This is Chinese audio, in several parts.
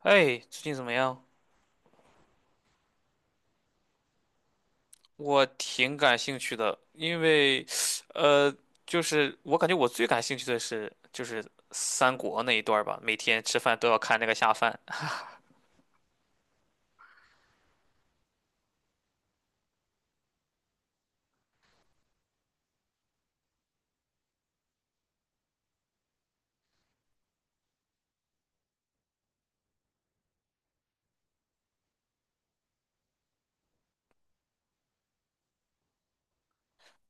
哎，最近怎么样？我挺感兴趣的，因为，呃，就是我感觉我最感兴趣的是就是三国那一段儿吧，每天吃饭都要看那个下饭。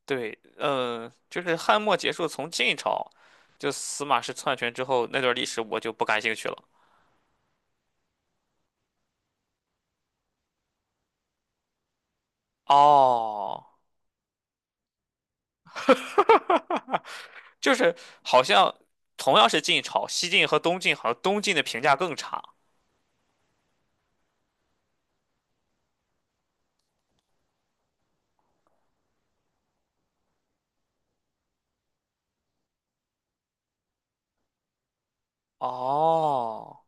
对，嗯，就是汉末结束，从晋朝就司马氏篡权之后那段历史我就不感兴趣了。哦，就是好像同样是晋朝，西晋和东晋好像东晋的评价更差。哦，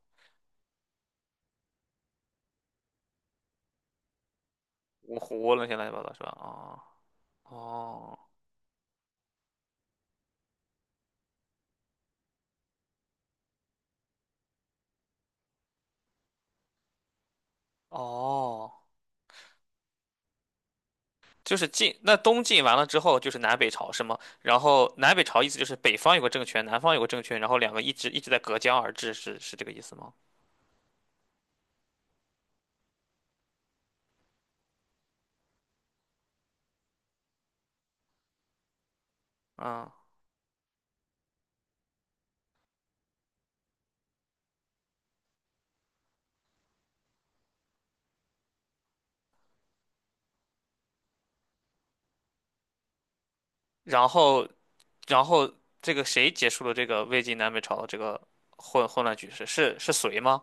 我胡乱七八糟的是吧？哦哦。哦，就是晋，那东晋完了之后就是南北朝是吗？然后南北朝意思就是北方有个政权，南方有个政权，然后两个一直在隔江而治，是这个意思吗？嗯，然后然后这个谁结束了这个魏晋南北朝的这个混乱局势？是隋吗？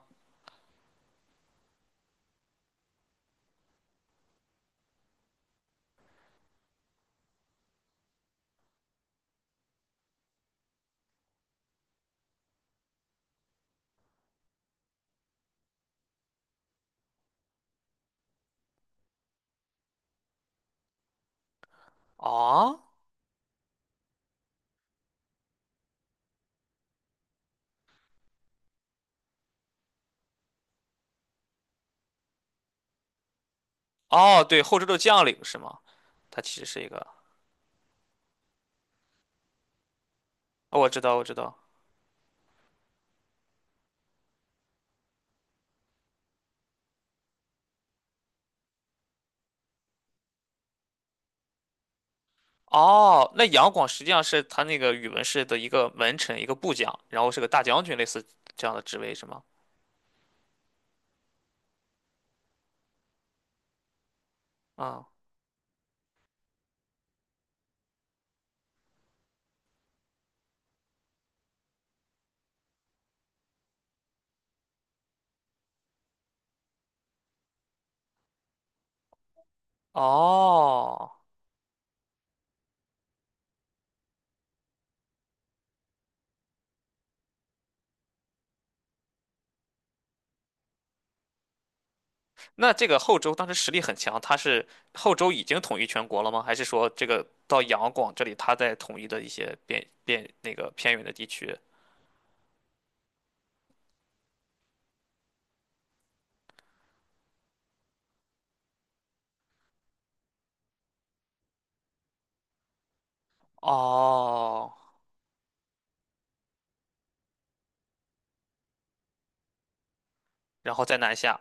哦哦，对，后周的将领是吗？他其实是一个，哦我知道我知道。哦，那杨广实际上是他那个宇文氏的一个门臣，一个部将，然后是个大将军，类似这样的职位是吗？啊，哦，那这个后周当时实力很强，他是后周已经统一全国了吗？还是说这个到杨广这里，他在统一的一些边边那个偏远的地区？哦，然后再南下。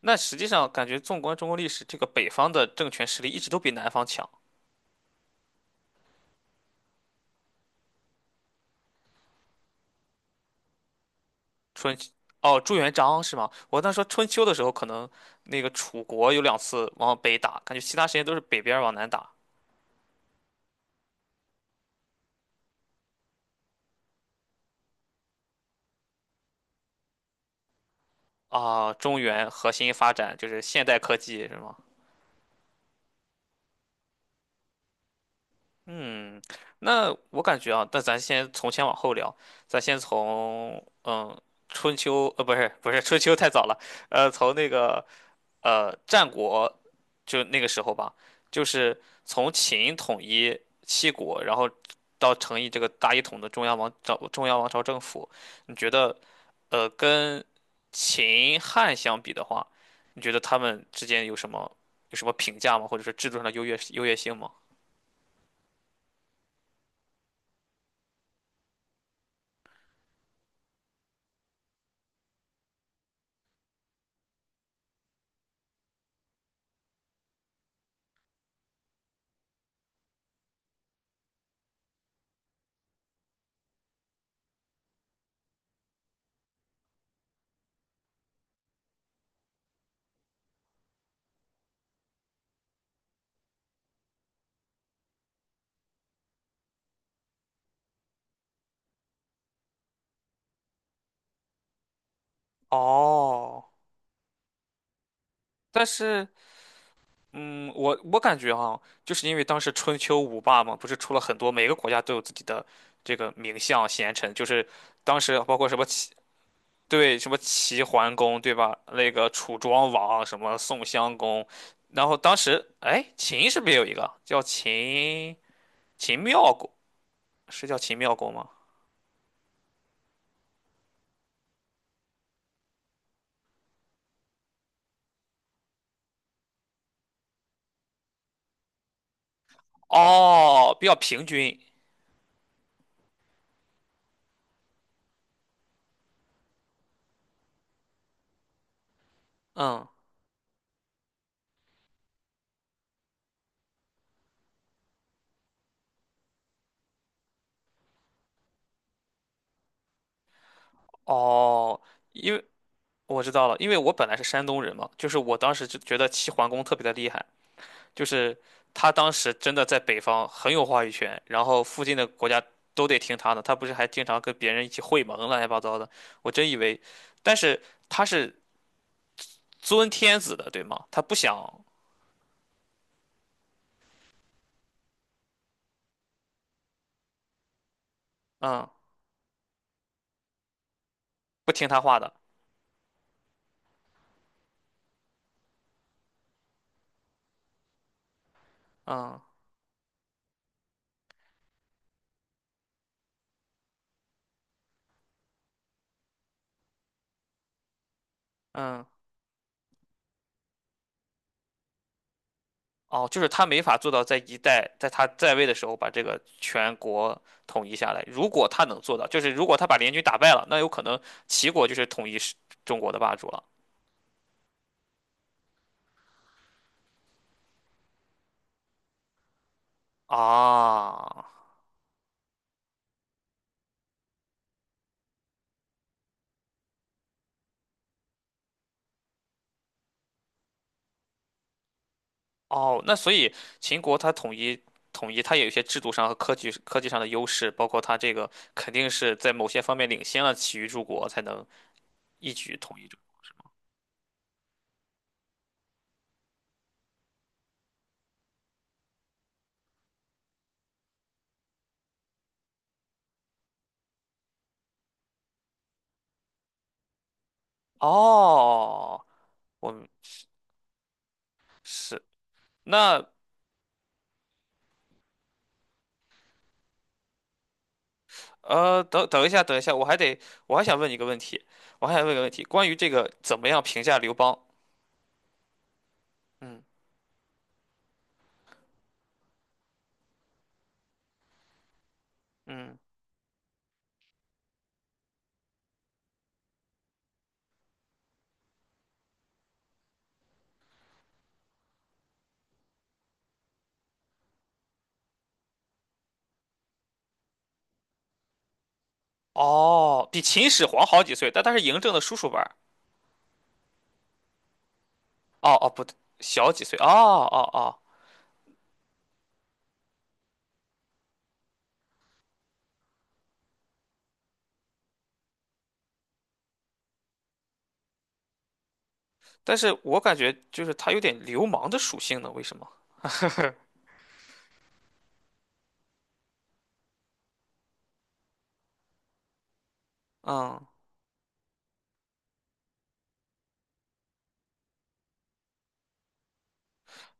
那实际上感觉纵观中国历史，这个北方的政权实力一直都比南方强。春秋哦，朱元璋是吗？我当时说春秋的时候，可能那个楚国有两次往北打，感觉其他时间都是北边儿往南打啊。中原核心发展就是现代科技是吗？嗯，那我感觉啊，那咱先从前往后聊，咱先从嗯春秋不是春秋太早了，从那个战国就那个时候吧，就是从秦统一七国，然后到成立这个大一统的中央王朝政府，你觉得跟秦汉相比的话，你觉得他们之间有什么有什么评价吗？或者是制度上的优越性吗？哦，但是。嗯，我感觉哈，就是因为当时春秋五霸嘛，不是出了很多，每个国家都有自己的这个名相贤臣，就是当时包括什么齐，对，什么齐桓公，对吧？那个楚庄王，什么宋襄公，然后当时哎，秦是不是也有一个叫秦妙公？是叫秦妙公吗？哦，比较平均，嗯，哦，因为我知道了，因为我本来是山东人嘛，就是我当时就觉得齐桓公特别的厉害。就是他当时真的在北方很有话语权，然后附近的国家都得听他的。他不是还经常跟别人一起会盟啊，乱七八糟的。我真以为，但是他是尊天子的，对吗？他不想，嗯，不听他话的，嗯嗯，哦，就是他没法做到在一代在他在位的时候把这个全国统一下来。如果他能做到，就是如果他把联军打败了，那有可能齐国就是统一世中国的霸主了啊。哦，那所以秦国它统一，它也有一些制度上和科技上的优势，包括它这个肯定是在某些方面领先了其余诸国，才能一举统一住哦，我们是那等一下，等一下，我还得我还想问你一个问题，我还想问一个问题，关于这个怎么样评价刘邦？嗯嗯，哦，比秦始皇好几岁，但他是嬴政的叔叔吧？哦哦，不对，小几岁？哦哦哦。但是我感觉就是他有点流氓的属性呢，为什么？嗯，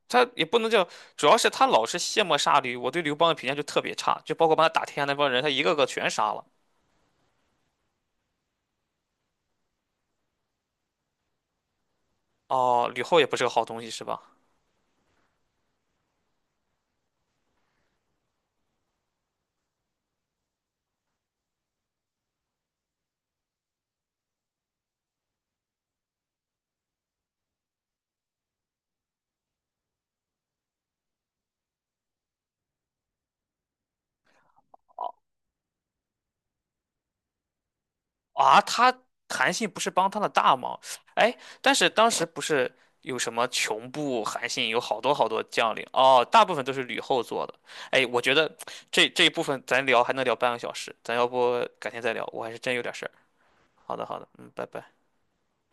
他也不能叫，主要是他老是卸磨杀驴，我对刘邦的评价就特别差，就包括帮他打天下那帮人，他一个个全杀了。哦，吕后也不是个好东西，是吧？啊，他韩信不是帮他的大忙，哎，但是当时不是有什么穷部、韩信有好多好多将领，哦，大部分都是吕后做的。哎，我觉得这一部分咱聊还能聊半个小时，咱要不改天再聊，我还是真有点事儿。好的，好的，嗯，拜拜。